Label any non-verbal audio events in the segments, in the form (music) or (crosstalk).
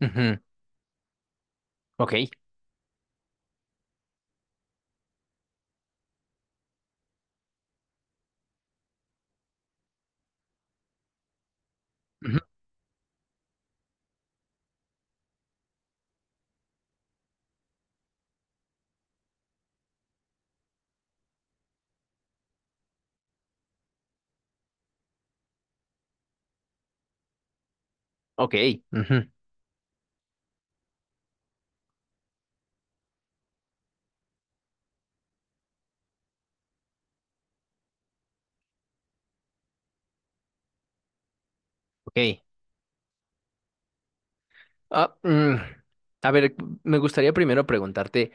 Ujú, ok, ujú, ok, ujú, ok. Ah, a ver, me gustaría primero preguntarte,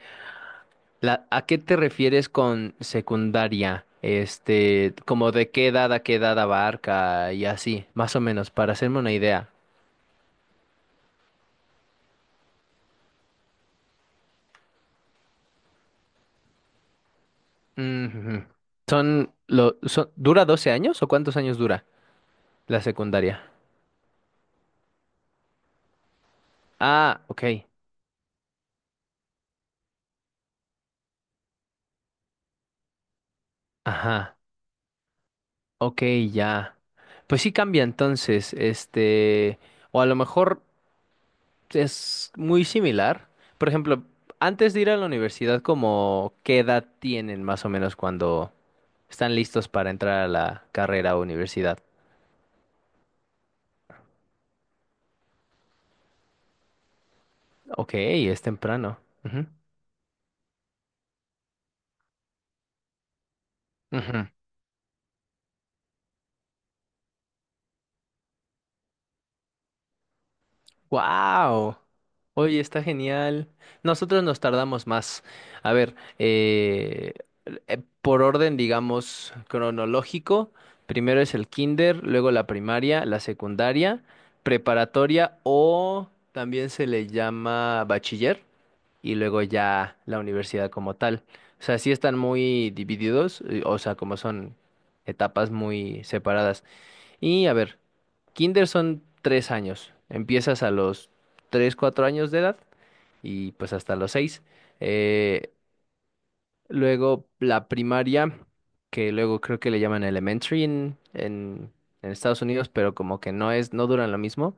¿a qué te refieres con secundaria? Este, ¿como de qué edad a qué edad abarca y así, más o menos, para hacerme una idea? Ujú. ¿Dura 12 años o cuántos años dura la secundaria? Ah, ok, ajá, ok, ya. Pues sí cambia entonces, este, o a lo mejor es muy similar. Por ejemplo, antes de ir a la universidad, ¿como qué edad tienen más o menos cuando están listos para entrar a la carrera o universidad? Ok, es temprano. Ujú, ujú. ¡Wow! Oye, está genial. Nosotros nos tardamos más. A ver, eh, por orden, digamos, cronológico, primero es el kinder, luego la primaria, la secundaria, preparatoria o también se le llama bachiller y luego ya la universidad como tal. O sea, sí están muy divididos, o sea, como son etapas muy separadas. Y a ver, kinder son 3 años. Empiezas a los 3, 4 años de edad y pues hasta los seis. Eh, Luego la primaria, que luego creo que le llaman elementary en Estados Unidos, pero como que no es, no duran lo mismo.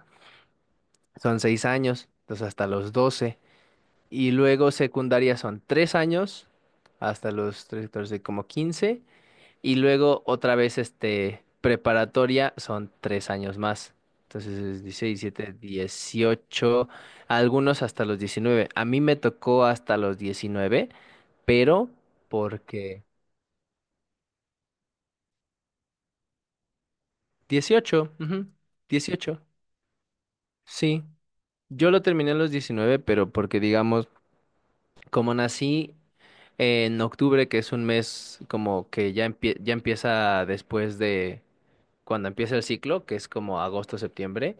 Son 6 años, entonces hasta los 12. Y luego secundaria son 3 años, hasta los tres, 14, como 15. Y luego otra vez, este, preparatoria son 3 años más. Entonces es 16, 17, 18, algunos hasta los 19. A mí me tocó hasta los 19, pero porque 18, ujú, 18, sí. Yo lo terminé a los 19, pero porque digamos, como nací en octubre, que es un mes como que ya empieza después de cuando empieza el ciclo, que es como agosto, septiembre.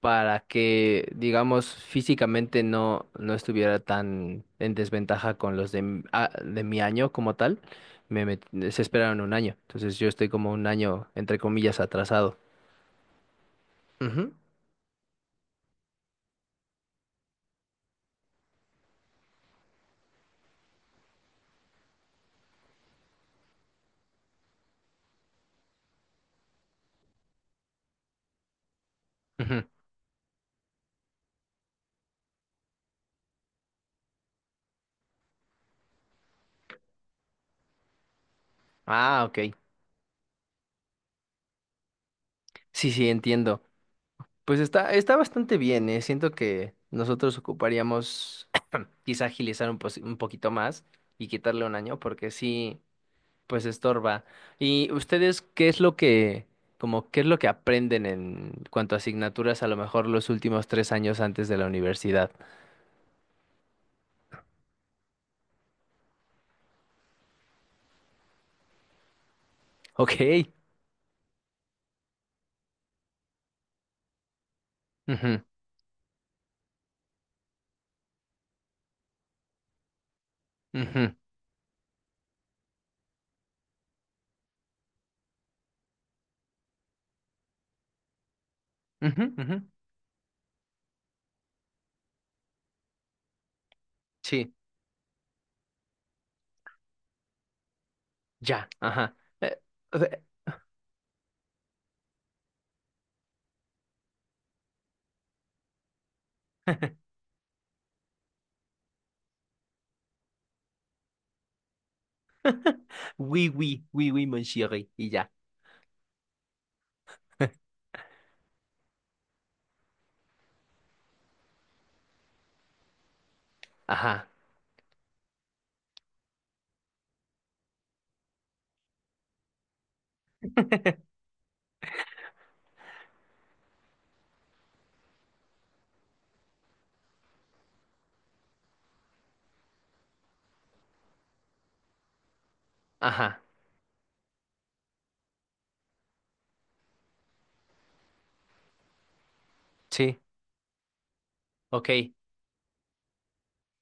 Para que, digamos, físicamente no estuviera tan en desventaja con los de mi año como tal, se esperaron un año. Entonces yo estoy como un año, entre comillas, atrasado. Ujú, ujú. Ah, ok. Sí, sí, entiendo. Pues está bastante bien, ¿eh? Siento que nosotros ocuparíamos (clears throat) quizá agilizar un poquito más y quitarle un año, porque sí. Pues estorba. ¿Y ustedes qué es lo que, como qué es lo que aprenden en cuanto a asignaturas, a lo mejor los últimos 3 años antes de la universidad? Ok. Ujú, ujú, ujú, ujú. Sí, ya, ajá. Eh, Oui, oui, oui, oui, mon chéri, y ya. Ajá, ajá, sí, ok.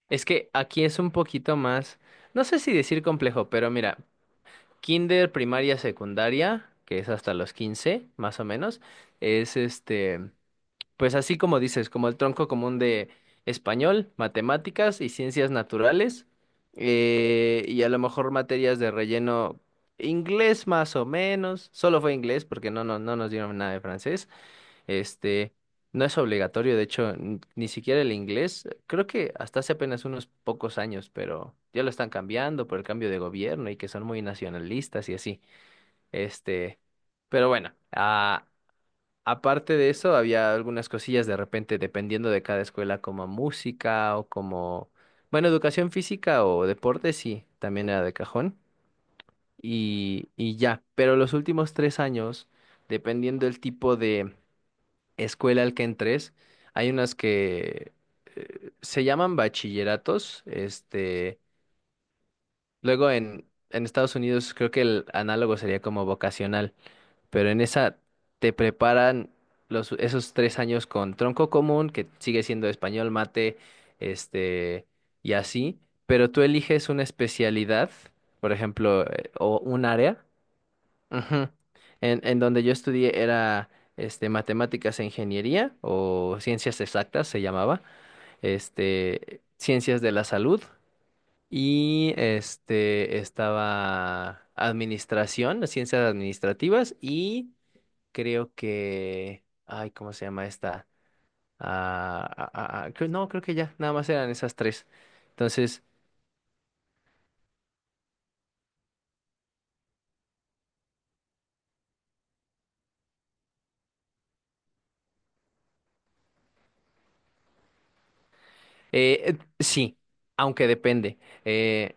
Es que aquí es un poquito más, no sé si decir complejo, pero mira, kinder, primaria, secundaria, que es hasta los 15 más o menos, es este. Pues así como dices, como el tronco común de español, matemáticas y ciencias naturales, y a lo mejor materias de relleno, inglés más o menos, solo fue inglés porque no nos dieron nada de francés, este, no es obligatorio, de hecho, ni siquiera el inglés, creo que hasta hace apenas unos pocos años, pero ya lo están cambiando por el cambio de gobierno y que son muy nacionalistas y así, este, pero bueno, ah. Aparte de eso, había algunas cosillas de repente, dependiendo de cada escuela, como música o como, bueno, educación física o deporte, sí, también era de cajón. Y ya, pero los últimos 3 años, dependiendo del tipo de escuela al que entres, hay unas que se llaman bachilleratos. Este, luego en Estados Unidos creo que el análogo sería como vocacional, pero en esa te preparan esos 3 años con tronco común, que sigue siendo español, mate, este, y así, pero tú eliges una especialidad, por ejemplo, o un área. Ujú. En donde yo estudié era este, matemáticas e ingeniería o ciencias exactas se llamaba, este, ciencias de la salud y este, estaba administración, las ciencias administrativas y creo que. Ay, ¿cómo se llama esta? No, creo que ya, nada más eran esas tres. Entonces, sí, aunque depende. Eh,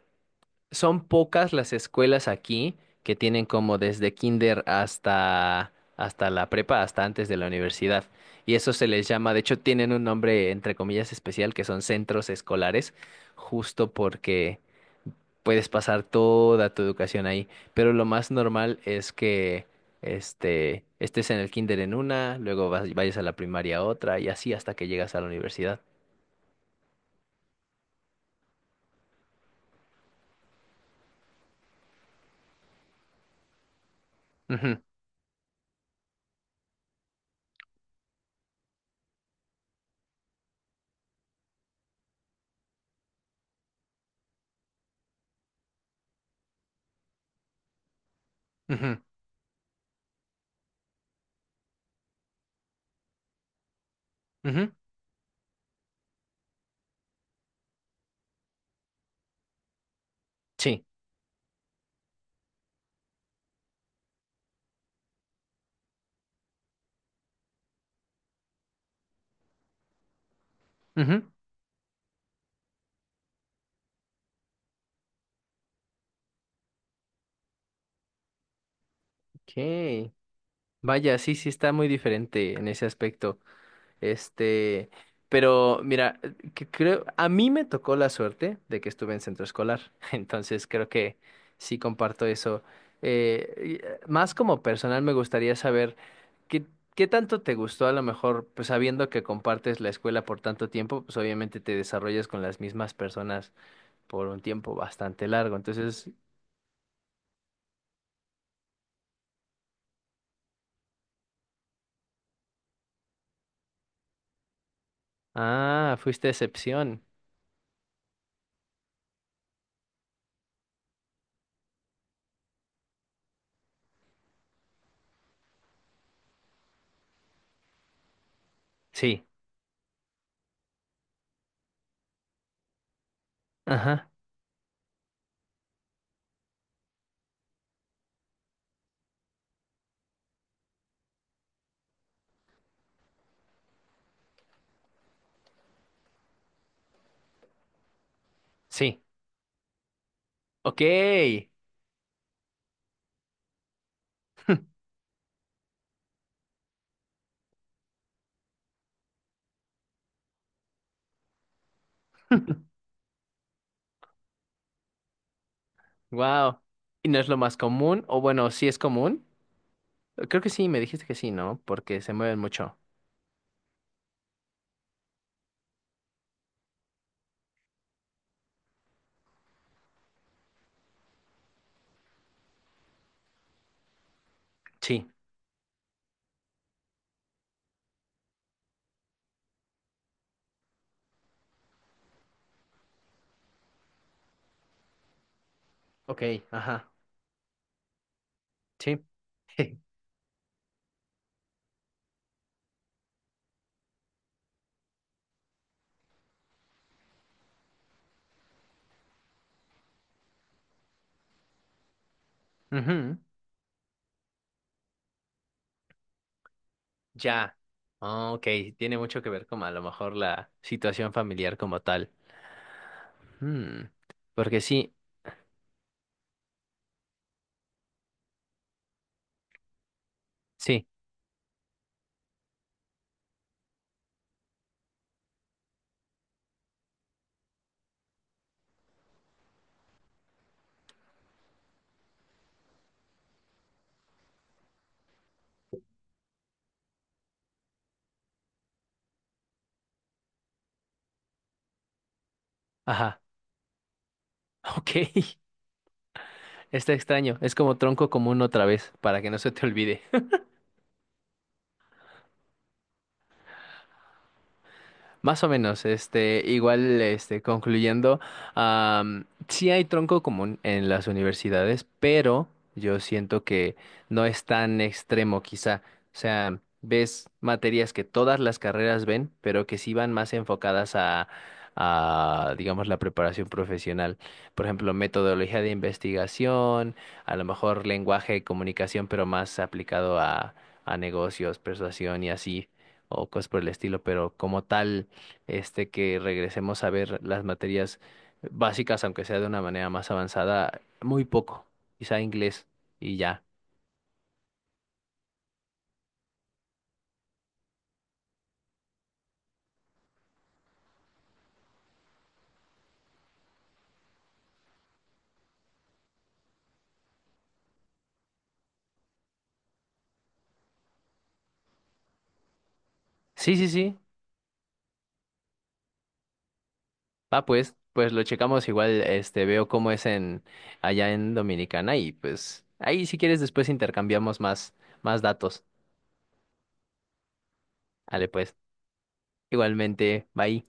Son pocas las escuelas aquí que tienen como desde kinder hasta la prepa, hasta antes de la universidad. Y eso se les llama, de hecho, tienen un nombre entre comillas especial que son centros escolares, justo porque puedes pasar toda tu educación ahí. Pero lo más normal es que este, estés en el kinder en una, luego vayas a la primaria a otra y así hasta que llegas a la universidad. Ujú, ujú, ujú, sí. Ujú. Ok. Vaya, sí, sí está muy diferente en ese aspecto. Este, pero mira, que creo, a mí me tocó la suerte de que estuve en centro escolar. (laughs) Entonces creo que sí comparto eso. Y, más como personal me gustaría saber. ¿Qué, qué tanto te gustó? A lo mejor, pues sabiendo que compartes la escuela por tanto tiempo, pues obviamente te desarrollas con las mismas personas por un tiempo bastante largo. Entonces, fuiste excepción. Sí, ajá, sí. Ok, (laughs) wow. ¿Y no es lo más común? O bueno, sí es común. Creo que sí, me dijiste que sí, ¿no? Porque se mueven mucho. Sí, ok, ajá, sí. Ujú, ya. Ah, ok, tiene mucho que ver con a lo mejor la situación familiar como tal. Mm, Porque sí, sí, ajá, (laughs) ok, está extraño, es como tronco común otra vez, para que no se te olvide. Más o menos, este, igual, este, concluyendo, sí hay tronco común en las universidades, pero yo siento que no es tan extremo, quizá. O sea, ves materias que todas las carreras ven, pero que sí van más enfocadas a, digamos, la preparación profesional. Por ejemplo, metodología de investigación, a lo mejor lenguaje y comunicación, pero más aplicado a negocios, persuasión y así, o cosas por el estilo, pero como tal este, que regresemos a ver las materias básicas, aunque sea de una manera más avanzada, muy poco, quizá inglés y ya. Sí, sí, sí. Ah, pues lo checamos igual, este, veo cómo es en allá en Dominicana y pues ahí si quieres después intercambiamos más datos. Vale, pues, igualmente, bye.